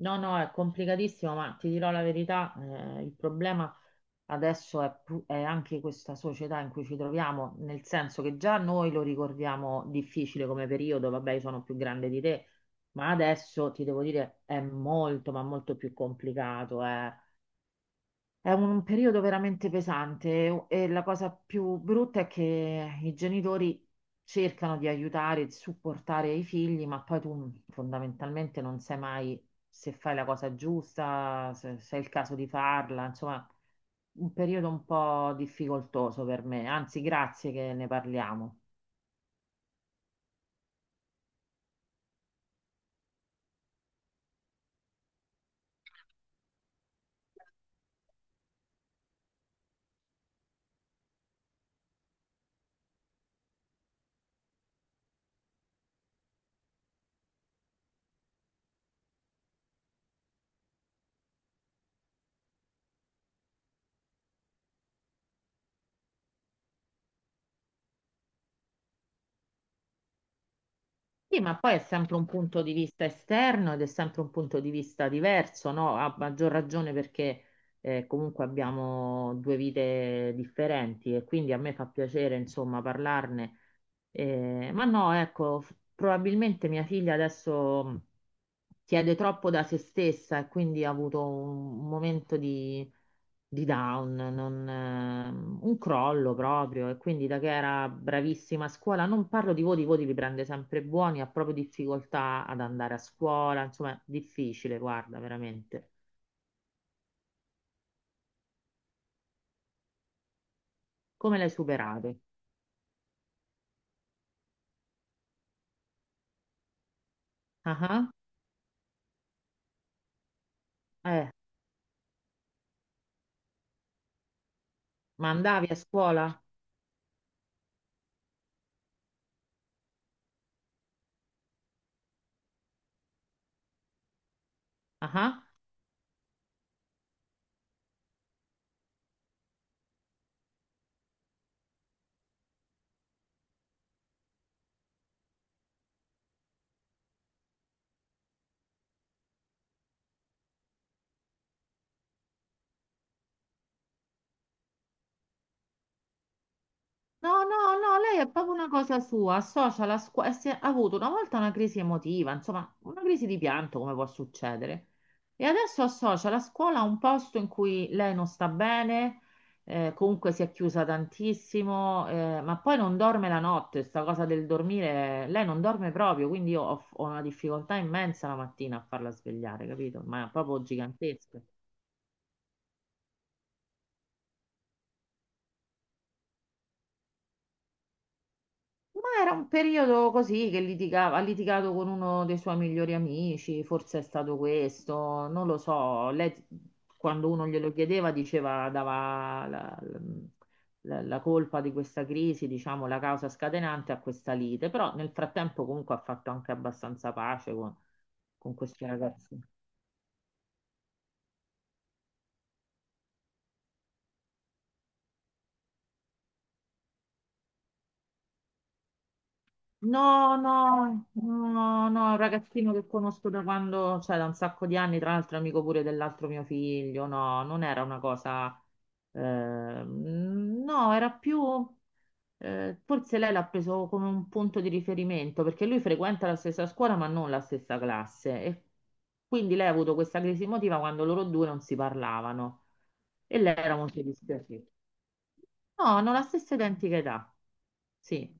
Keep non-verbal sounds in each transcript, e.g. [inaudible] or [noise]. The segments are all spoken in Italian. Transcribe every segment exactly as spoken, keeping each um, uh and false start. No, no, è complicatissimo, ma ti dirò la verità, eh, il problema adesso è, pu- è anche questa società in cui ci troviamo, nel senso che già noi lo ricordiamo difficile come periodo, vabbè, io sono più grande di te, ma adesso ti devo dire è molto, ma molto più complicato, eh. È un periodo veramente pesante e la cosa più brutta è che i genitori cercano di aiutare e di supportare i figli, ma poi tu fondamentalmente non sai mai se fai la cosa giusta, se, se è il caso di farla, insomma, un periodo un po' difficoltoso per me. Anzi, grazie che ne parliamo. Sì, ma poi è sempre un punto di vista esterno ed è sempre un punto di vista diverso, no? A maggior ragione perché eh, comunque abbiamo due vite differenti e quindi a me fa piacere, insomma, parlarne eh, ma no, ecco, f- probabilmente mia figlia adesso mh, chiede troppo da se stessa e quindi ha avuto un, un momento di, di down, non, ehm, un crollo proprio. E quindi da che era bravissima a scuola, non parlo di voti, i voti li prende sempre buoni, ha proprio difficoltà ad andare a scuola, insomma, è difficile, guarda, veramente. Come l'hai superato? Ah ah. Eh, ma andavi a scuola? Ah ah. No, no, no, lei è proprio una cosa sua, associa la scuola, ha avuto una volta una crisi emotiva, insomma, una crisi di pianto, come può succedere. E adesso associa la scuola a un posto in cui lei non sta bene, eh, comunque si è chiusa tantissimo, eh, ma poi non dorme la notte, sta cosa del dormire, lei non dorme proprio, quindi io ho, ho una difficoltà immensa la mattina a farla svegliare, capito? Ma proprio gigantesca. Ma era un periodo così che litigava, ha litigato con uno dei suoi migliori amici, forse è stato questo, non lo so. Lei quando uno glielo chiedeva diceva, dava la, la- la colpa di questa crisi, diciamo la causa scatenante a questa lite, però nel frattempo comunque ha fatto anche abbastanza pace con, con questi ragazzi. No, no, no, no, è un ragazzino che conosco da quando, cioè da un sacco di anni, tra l'altro è amico pure dell'altro mio figlio, no, non era una cosa, eh, no, era più, eh, forse lei l'ha preso come un punto di riferimento, perché lui frequenta la stessa scuola ma non la stessa classe, e quindi lei ha avuto questa crisi emotiva quando loro due non si parlavano, e lei era molto dispiaciuta. No, hanno la stessa identica età, sì.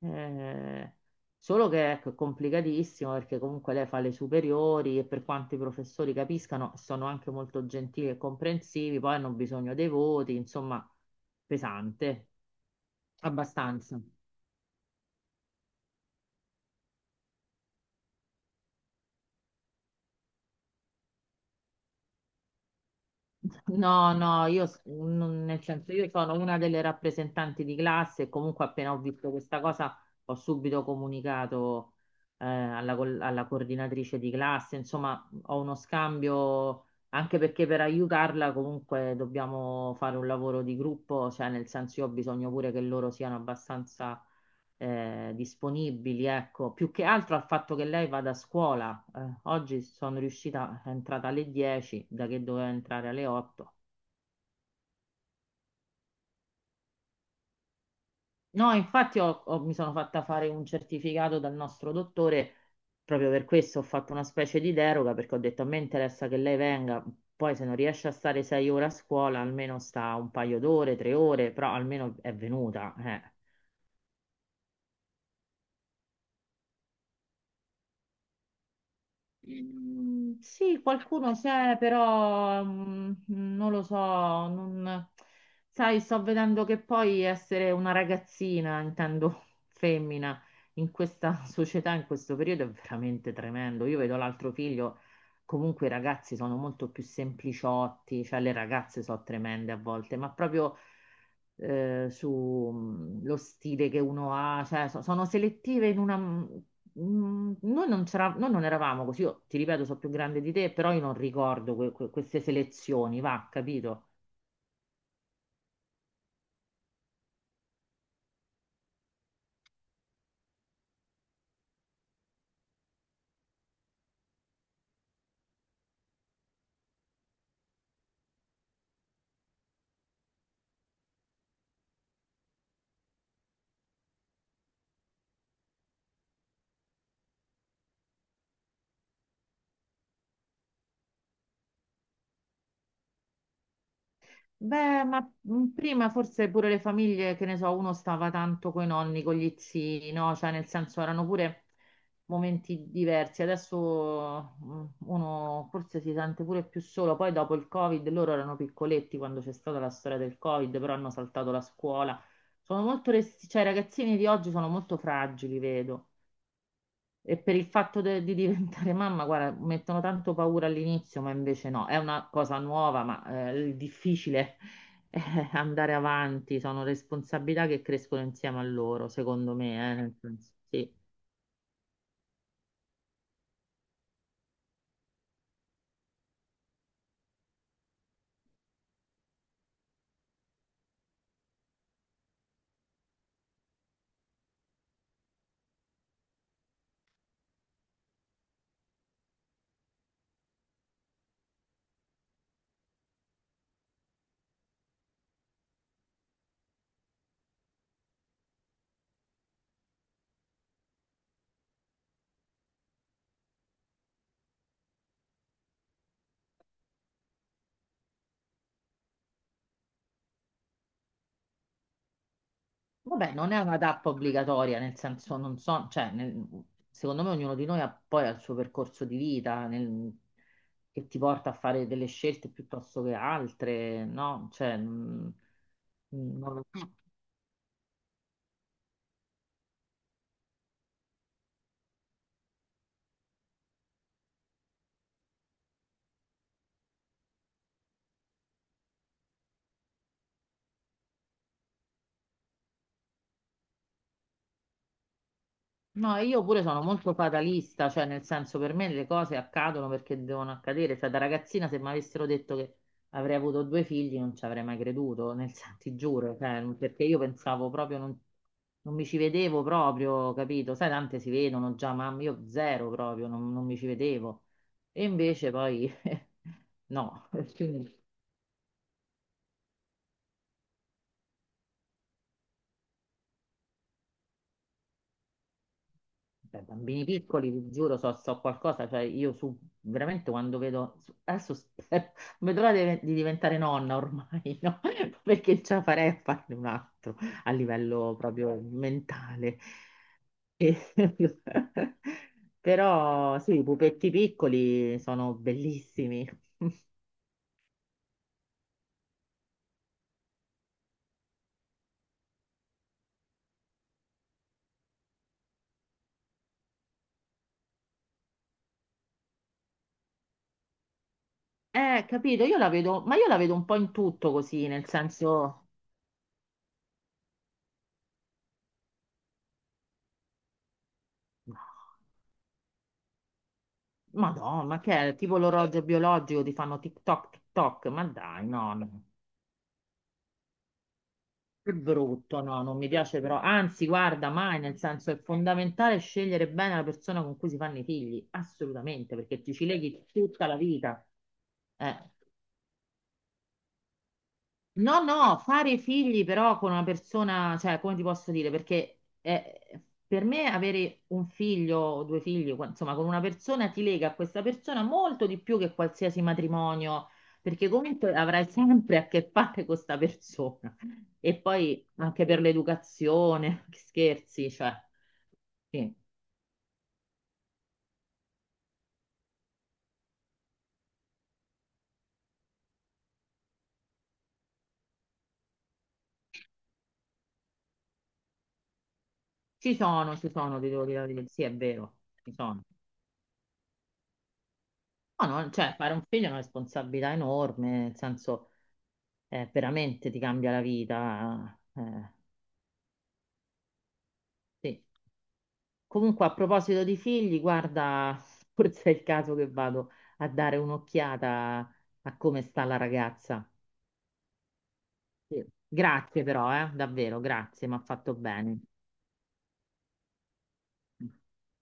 Eh, solo che ecco, è complicatissimo perché comunque lei fa le superiori e per quanto i professori capiscano sono anche molto gentili e comprensivi, poi hanno bisogno dei voti, insomma, pesante, abbastanza. No, no, io s- non- nel senso io sono una delle rappresentanti di classe e comunque appena ho visto questa cosa ho subito comunicato eh, alla, col- alla coordinatrice di classe, insomma ho uno scambio anche perché per aiutarla comunque dobbiamo fare un lavoro di gruppo, cioè nel senso io ho bisogno pure che loro siano abbastanza eh, disponibili, ecco, più che altro al fatto che lei vada a scuola. Eh, oggi sono riuscita, è entrata alle dieci, da che doveva entrare alle otto. No, infatti ho- ho- mi sono fatta fare un certificato dal nostro dottore, proprio per questo ho fatto una specie di deroga, perché ho detto a me interessa che lei venga, poi se non riesce a stare sei ore a scuola, almeno sta un paio d'ore, tre ore, però almeno è venuta. eh. Mm, sì, qualcuno c'è, però mm, non lo so, non- sai, sto vedendo che poi essere una ragazzina, intendo [laughs] femmina, in questa società, in questo periodo è veramente tremendo. Io vedo l'altro figlio, comunque i ragazzi sono molto più sempliciotti, cioè le ragazze sono tremende a volte, ma proprio eh, su mm, lo stile che uno ha, cioè so- sono selettive in una mm, Mm, Noi non c'era- noi non eravamo così, io ti ripeto, sono più grande di te, però io non ricordo que- que- queste selezioni, va, capito? Beh, ma mm, prima forse pure le famiglie, che ne so, uno stava tanto coi nonni, con gli zii, no? Cioè, nel senso, erano pure momenti diversi. Adesso mm, uno forse si sente pure più solo. Poi dopo il Covid, loro erano piccoletti quando c'è stata la storia del Covid, però hanno saltato la scuola. Sono molto, resti- cioè, i ragazzini di oggi sono molto fragili, vedo. E per il fatto de- di diventare [laughs] mamma, guarda, mettono tanto paura all'inizio, ma invece no, è una cosa nuova, ma eh, il difficile è [laughs] andare avanti, sono responsabilità che crescono insieme a loro, secondo me, eh, nel senso, sì. Vabbè, non è una tappa obbligatoria, nel senso, non so, cioè, nel- secondo me ognuno di noi ha poi il suo percorso di vita nel- che ti porta a fare delle scelte piuttosto che altre, no? Cioè, mm, mm, non lo so. No, io pure sono molto fatalista, cioè nel senso per me le cose accadono perché devono accadere, cioè da ragazzina se mi avessero detto che avrei avuto due figli non ci avrei mai creduto, [laughs] nel senso, ti giuro, cioè, perché io pensavo proprio, non, non mi ci vedevo proprio, capito? Sai, tante si vedono già, ma io zero proprio, non, non mi ci vedevo. E invece poi [laughs] no, [laughs] quindi beh, bambini piccoli, vi giuro, so, so qualcosa, cioè io su, veramente quando vedo, su- adesso spero, non [laughs] vedo l'ora di, di diventare nonna ormai, [laughs] no? Perché ce la farei a farne un altro a livello proprio mentale. E- [laughs] Però sì, i pupetti piccoli sono bellissimi. [laughs] Eh, capito, io la vedo, ma io la vedo un po' in tutto così, nel senso, no, Madonna, ma che è? Tipo l'orologio biologico, ti fanno TikTok, TikTok, ma dai, no, no. Che brutto, no, non mi piace però, anzi, guarda, mai, nel senso è fondamentale scegliere bene la persona con cui si fanno i figli, assolutamente, perché ti ci leghi tutta la vita. Eh. No, no, fare figli però con una persona, cioè, come ti posso dire? Perché eh, per me avere un figlio o due figli, qua- insomma, con una persona ti lega a questa persona molto di più che qualsiasi matrimonio, perché comunque avrai sempre a che fare con questa persona. E poi anche per l'educazione, [laughs] che scherzi, cioè, sì. Ci sono, ci sono, ti devo dire la verità. Sì, è vero, ci sono. No, no, cioè, fare un figlio è una responsabilità enorme, nel senso eh, veramente ti cambia la vita. Eh, sì. Comunque, a proposito di figli, guarda, [laughs] forse è il caso che vado a dare un'occhiata a come sta la ragazza. Sì. Grazie però, eh, davvero, grazie, mi ha fatto bene.